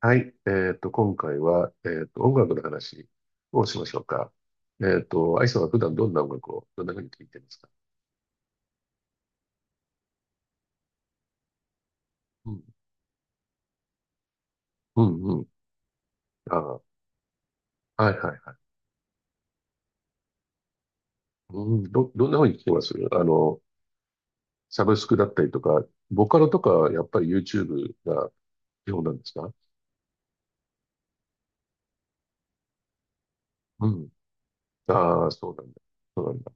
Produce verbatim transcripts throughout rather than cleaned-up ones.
はい。えっと、今回は、えっと、音楽の話をしましょうか。えっと、アイさんは普段どんな音楽を、どんな風に聴いてますか？うん。うん、うん。ああ、はいはいはい。うん、ど、どんな風に聴きます？あの、サブスクだったりとか、ボカロとか、やっぱり YouTube が基本なんですか？うん。ああ、そうなんだ。そうなんだ。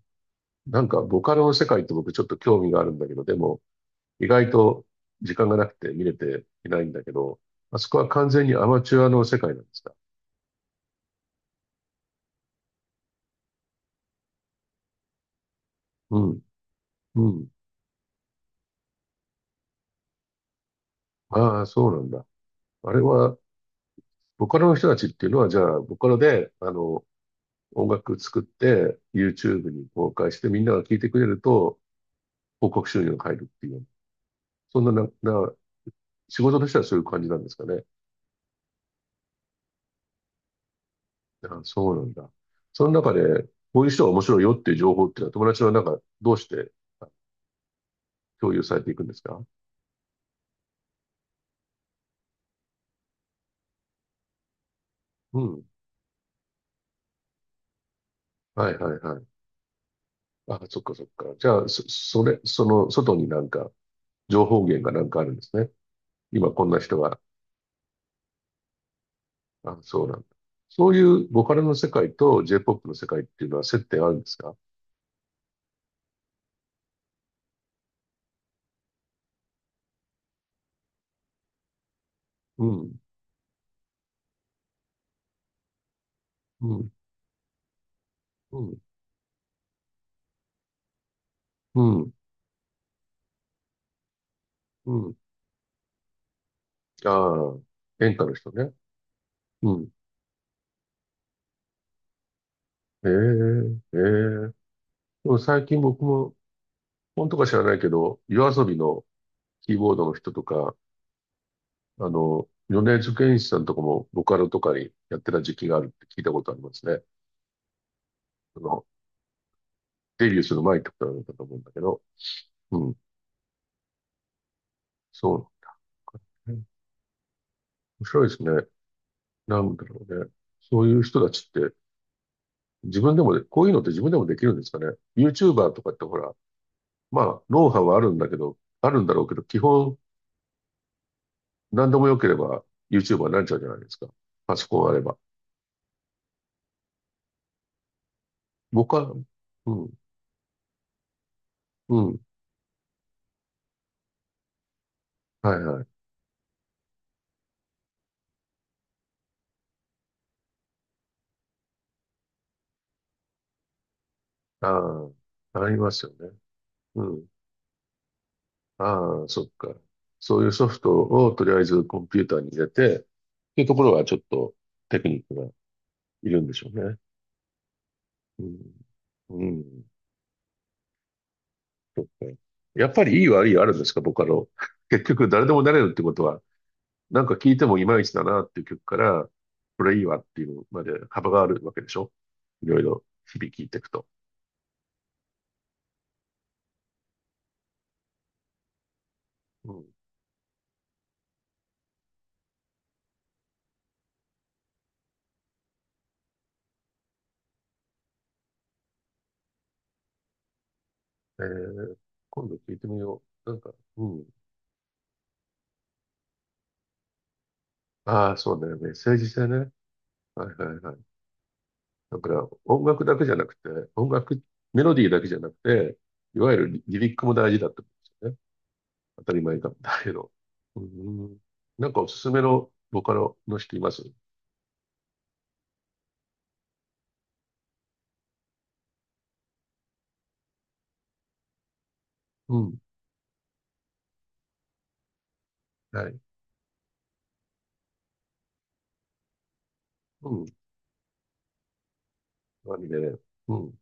なんか、ボカロの世界って僕ちょっと興味があるんだけど、でも、意外と時間がなくて見れていないんだけど、まあそこは完全にアマチュアの世界なんですか？うん。うん。ああ、そうなんだ。あれは、ボカロの人たちっていうのは、じゃあ、ボカロで、あの、音楽作って、YouTube に公開して、みんなが聴いてくれると、広告収入が入るっていう。そんな、な、な、仕事としてはそういう感じなんですかね。ああ、そうなんだ。その中で、こういう人が面白いよっていう情報っていうのは、友達はなんか、どうしてあ共有されていくんですか？うん。はいはいはい。ああ、そっかそっか。じゃあ、そ、それ、その、外になんか、情報源がなんかあるんですね。今こんな人があ、そうなんだ。そういうボカロの世界と J-ピーオーピー の世界っていうのは接点あるんですか？うん、うん、うん、うん、うん。ああ、演歌の人ね。うん。ええ、ええ。でも最近僕も、本とか知らないけど、夜遊びのキーボードの人とか、あの、米津玄師さんとかもボカロとかにやってた時期があるって聞いたことありますね。あの、デビューする前ってことなのかと思うんだけど。うん、そう。面白いですね。なんだろうね。そういう人たちって、自分でもで、こういうのって自分でもできるんですかね。YouTuber とかってほら、まあ、ノウハウはあるんだけど、あるんだろうけど、基本何でも良ければ YouTuber になっちゃうじゃないですか。パソコンあれば。僕は、うん、うん、はいはい。ああ、ありますよね。うん。ああ、そっか。そういうソフトをとりあえずコンピューターに入れて、っていうところはちょっとテクニックがいるんでしょうね。うん、うん、そっか。やっぱりいい悪いはあるんですか、僕あの、結局誰でもなれるってことはなんか聞いてもいまいちだなっていう曲から、これいいわっていうのまで幅があるわけでしょ？いろいろ日々聞いていくと。うん。えー、今度聞いてみよう。なんか、うん。ああ、そうね。メッセージ性ね。はいはいはい。だから音楽だけじゃなくて、音楽、メロディーだけじゃなくて、いわゆるリリリックも大事だってことですよね。当たり前かもだけど。うん。なんかおすすめのボカロの人います？うん。はい。うん。何で、うん。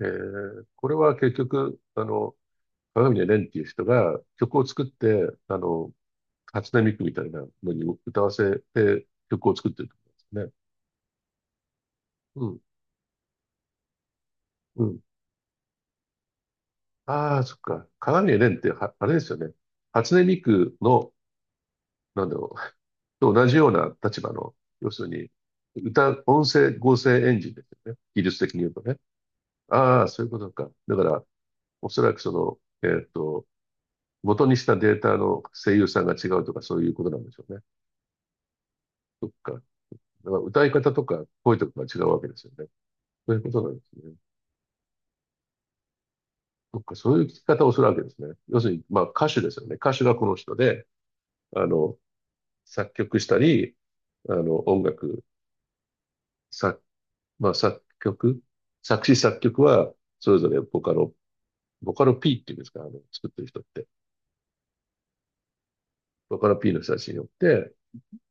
えーこれは結局、あの、鏡で蓮っていう人が曲を作って、あの、初音ミクみたいなのに歌わせて曲を作ってるってことんですね。うん、うん。ああ、そっか。鏡で蓮っては、あれですよね。初音ミクの、なんだろう、と同じような立場の、要するに、歌、音声合成エンジンですよね。技術的に言うとね。ああ、そういうことか。だから、おそらくその、えっと、元にしたデータの声優さんが違うとかそういうことなんでしょうね。そっか。だから歌い方とか声とかが違うわけですよね。そういうことなんですね。そっか、そういう聞き方をするわけですね。要するに、まあ歌手ですよね。歌手がこの人で、あの、作曲したり、あの、音楽、作、まあ作曲、作詞作曲は、それぞれボカロ、ボカロ P っていうんですか、あの、作ってる人って。ボカロ P の人たちによって、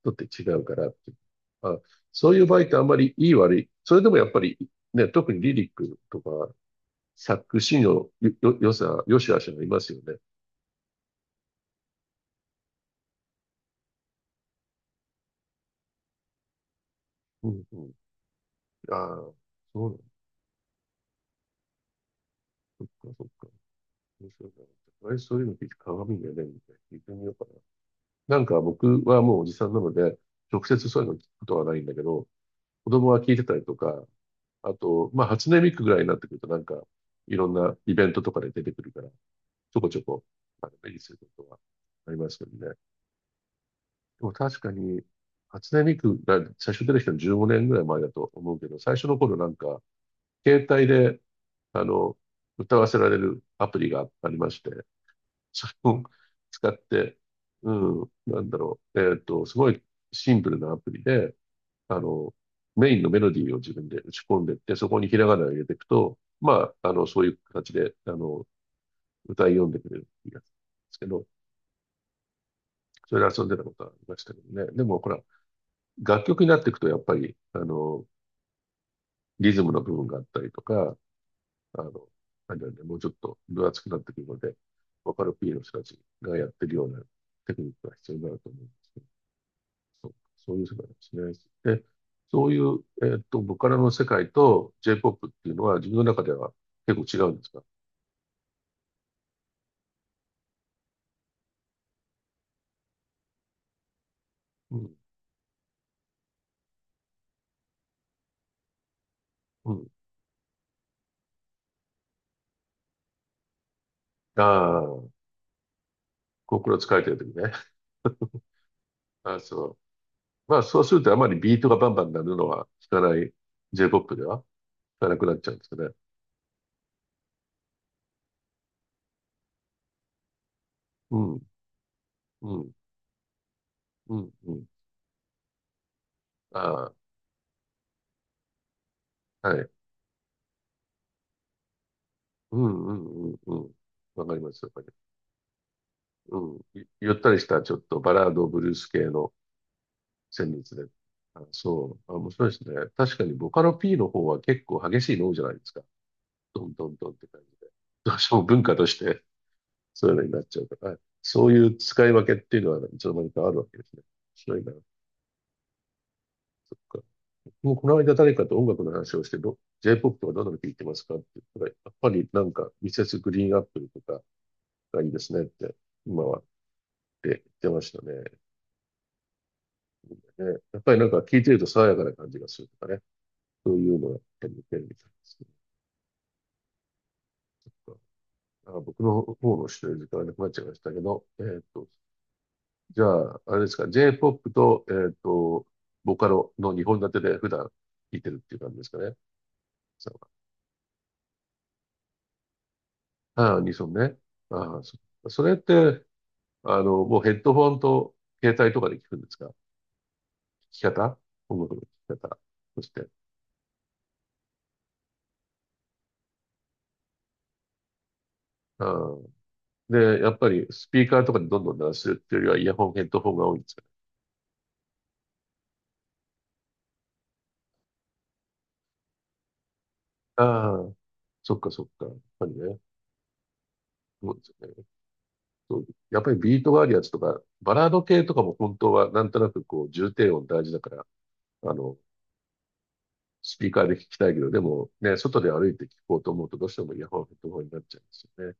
とって違うからっていう。まあ、そういう場合ってあんまりいい悪い。それでもやっぱり、ね、特にリリックとか、作詞のよ、よ、よさ、よしあしがいますよね。うんうん。ああ、そうなんだ。そっかそっか。面白いな。あれ、そういうの聞いて鏡がね、みたいな。聞いてみようかな。なんか僕はもうおじさんなので、直接そういうの聞くことはないんだけど、子供は聞いてたりとか、あと、まあ、初音ミクぐらいになってくるとなんか、いろんなイベントとかで出てくるから、ちょこちょこ、あの、目にすることはありますけどね。でも確かに、初音ミクが最初出てきたのじゅうごねんぐらい前だと思うけど、最初の頃なんか、携帯で、あの、歌わせられるアプリがありまして、それを使って、うん、なんだろう、えっと、すごいシンプルなアプリで、あの、メインのメロディーを自分で打ち込んでって、そこにひらがなを入れていくと、まあ、あの、そういう形で、あの、歌い読んでくれるっていうやつですけど、それで遊んでたことはありましたけどね。でも、ほら、楽曲になっていくと、やっぱり、あの、リズムの部分があったりとか、あの、あれなんだね、もうちょっと分厚くなってくるので、ボカロ P の人たちがやってるようなテクニックが必要になると思うんですけど、そう、そういう世界なんですね。で、そういう、えっと、ボカロの世界と J-ピーオーピー っていうのは自分の中では結構違うんですか？うん、うん。ああ、コクロ使えてる時ね。あ、そう。まあ、そうするとあまりビートがバンバン鳴るのは聞かない、 J-ピーオーピー では聞かなくなっちゃうんですかね。うん、うん、うん、うん。ああ、はい。うんうんうんうん。わかります、わかります。うん。ゆゆったりした、ちょっとバラード、ブルース系の旋律で。あ、そう。あ、面白いですね。確かに、ボカロ P の方は結構激しいの多いじゃないですか。ドンドンドンって感じで。どうしても文化として、そういうのになっちゃうから。はい、そういう使い分けっていうのは、いつの間にかあるわけですね。面白いな。そっか。もうこの間誰かと音楽の話をして、ど J-ピーオーピー とかどんなの聴いてますかって言ったら、やっぱりなんか、ミセスグリーンアップルとかがいいですねって、今はって言ってましたね。ね、やっぱりなんか聞いてると爽やかな感じがするとかね。そういうのをやっぱり見てるみたいですね。なんか僕の方の知ってる時間がなくなっちゃいましたけど、えっと、じゃあ、あれですか、J-ピーオーピー と、えっと、ボカロのにほん立てで普段聴いてるっていう感じですかね。ああ、に層ね。ああ、そそれって、あの、もうヘッドフォンと携帯とかで聞くんですか？聞き方音楽の聞き方。そして。ああ、で、やっぱりスピーカーとかにどんどん鳴らすっていうよりはイヤホン、ヘッドホンが多いんですよね。ああ、そっかそっか。やっぱりね、そうですよね。そうやっぱりビートがあるやつとか、バラード系とかも本当はなんとなくこう重低音大事だから、あの、スピーカーで聞きたいけど、でもね、外で歩いて聞こうと思うとどうしてもイヤホン、ヘッドホンになっちゃうんですよね。